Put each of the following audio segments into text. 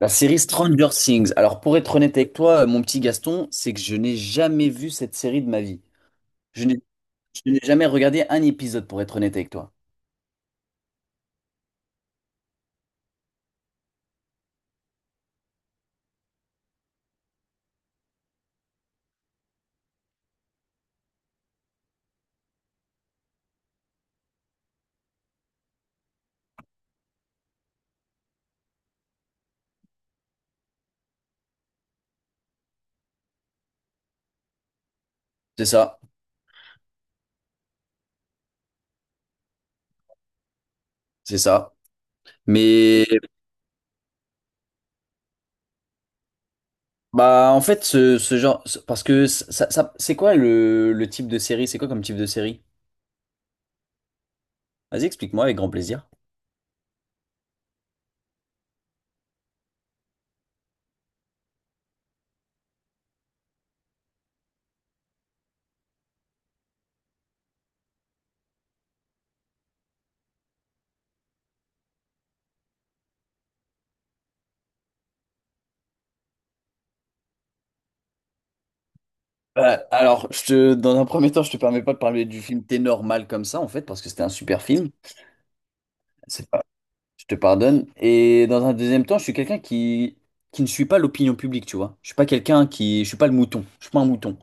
La série Stranger Things. Alors, pour être honnête avec toi, mon petit Gaston, c'est que je n'ai jamais vu cette série de ma vie. Je n'ai je n'ai jamais regardé un épisode, pour être honnête avec toi. C'est ça, c'est ça. Mais, bah, en fait, parce que c'est quoi le type de série? C'est quoi comme type de série? Vas-y, explique-moi avec grand plaisir. Alors, dans un premier temps, je te permets pas de parler du film T'es normal comme ça, en fait, parce que c'était un super film. C'est Je te pardonne. Et dans un deuxième temps, je suis quelqu'un qui ne suit pas l'opinion publique, tu vois. Je suis pas quelqu'un qui, je suis pas le mouton. Je suis pas un mouton.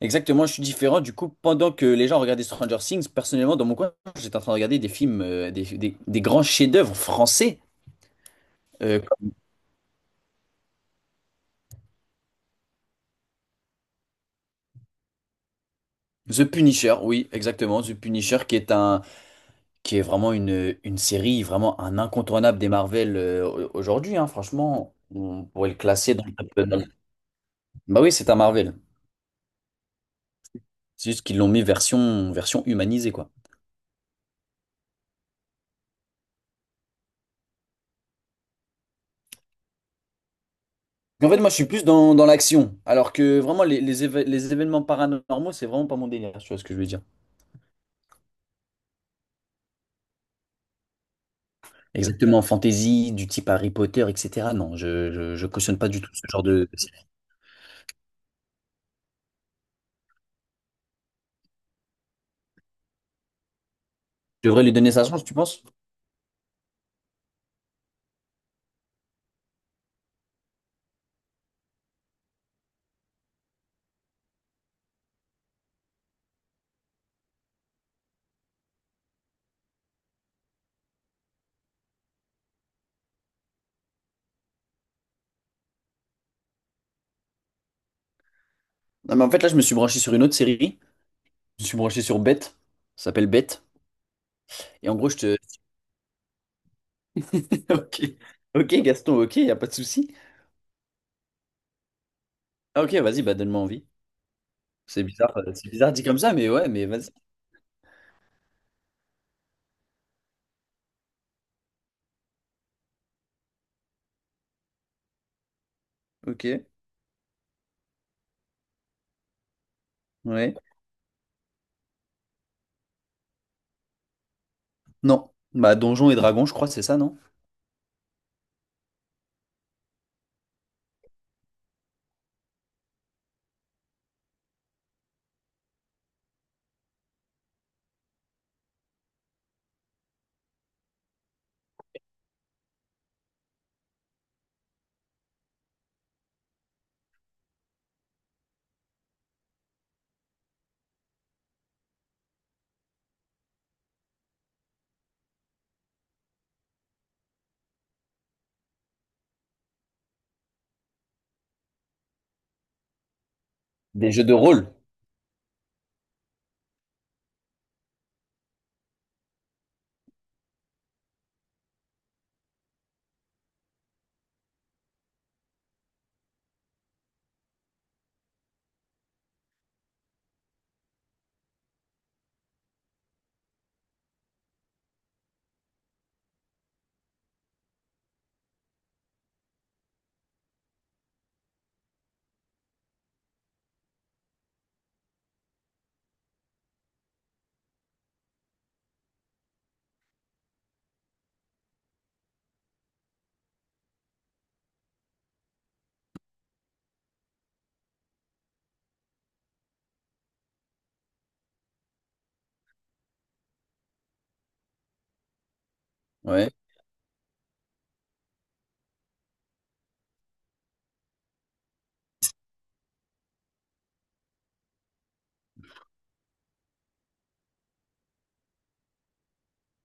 Exactement, je suis différent. Du coup, pendant que les gens regardaient Stranger Things, personnellement, dans mon coin, j'étais en train de regarder des films, des grands chefs-d'œuvre français. euh, Comme The Punisher, oui, exactement. The Punisher, qui est un, qui est vraiment une série, vraiment un incontournable des Marvel aujourd'hui, hein. Franchement, on pourrait le classer dans le top, bah oui, c'est un Marvel. C'est juste qu'ils l'ont mis version, version humanisée, quoi. En fait, moi, je suis plus dans, dans l'action, alors que vraiment, les événements paranormaux, c'est vraiment pas mon délire, tu vois ce que je veux dire. Exactement, fantasy, du type Harry Potter, etc. Non, je cautionne pas du tout ce genre de... Je devrais lui donner sa chance, tu penses? Non, mais en fait, là, je me suis branché sur une autre série. Je me suis branché sur Bête, ça s'appelle Bête. Et en gros, je te... Ok, ok, Gaston, ok, y a pas de souci. Ah, ok, vas-y, bah donne-moi envie. C'est bizarre dit comme ça, mais ouais, mais vas-y. Ok, ouais. Non, bah Donjons et Dragons, je crois, c'est ça, non? Des jeux de rôle. Ouais.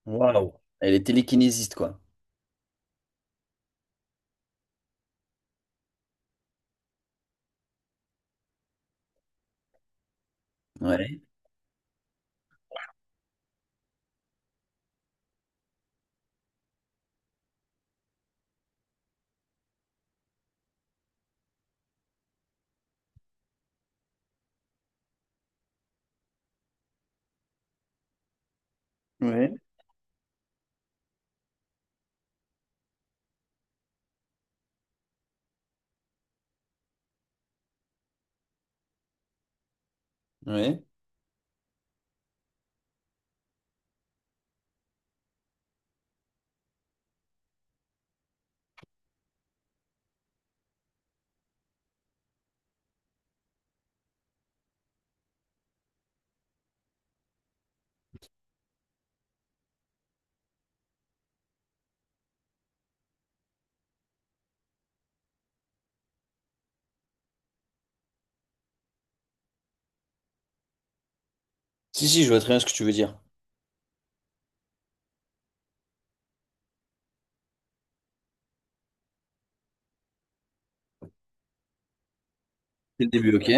Waouh. Elle est télékinésiste, quoi. Ouais. Ouais. Ouais. Si, si, je vois très bien ce que tu veux dire. C'est le début, ok?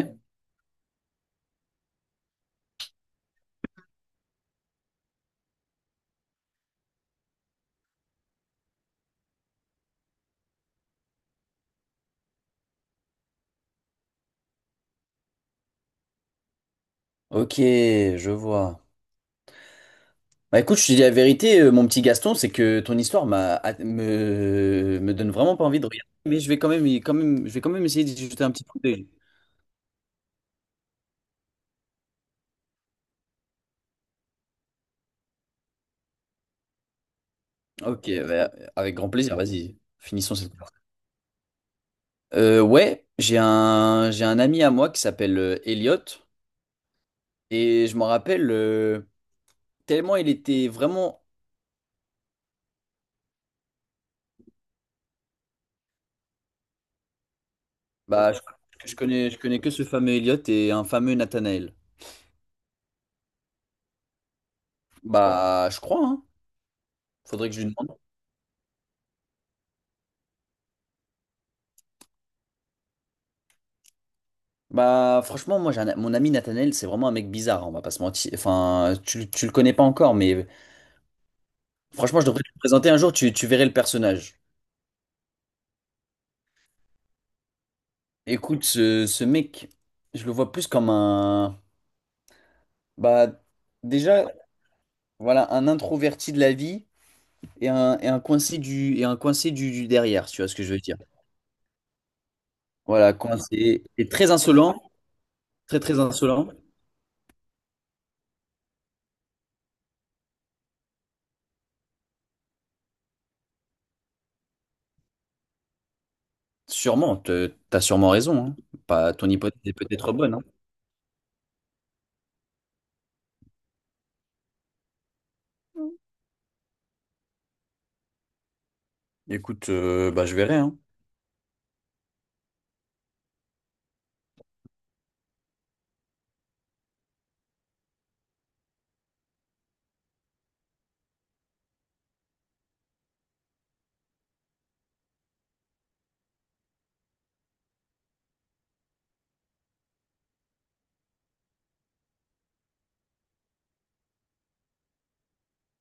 Ok, je vois. Bah écoute, je te dis la vérité, mon petit Gaston, c'est que ton histoire me donne vraiment pas envie de regarder, mais je vais quand même, je vais quand même essayer d'y jeter un petit coup d'œil. Ok, bah, avec grand plaisir, vas-y, finissons cette conversation. Ouais, j'ai un ami à moi qui s'appelle Elliot, et je m'en rappelle tellement il était vraiment... Bah, je connais que ce fameux Elliot et un fameux Nathanael. Bah, je crois, hein. Faudrait que je lui demande. Bah, franchement, moi, mon ami Nathanael, c'est vraiment un mec bizarre, hein, on va pas se mentir. Enfin, tu le connais pas encore, mais franchement, je devrais te le présenter un jour, tu verrais le personnage. Écoute, ce mec, je le vois plus comme un... Bah, déjà, voilà, un introverti de la vie et un coincé du derrière, si tu vois ce que je veux dire. Voilà, coincé. Et très insolent, très insolent. Sûrement, t'as sûrement raison, hein. Pas, Ton hypothèse est peut-être bonne, hein. Écoute, bah, je verrai, hein.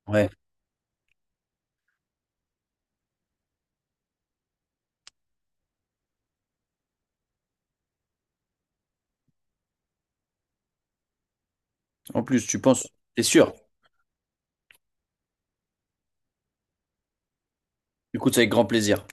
Ouais. En plus, tu penses. T'es sûr? Écoute, c'est avec grand plaisir.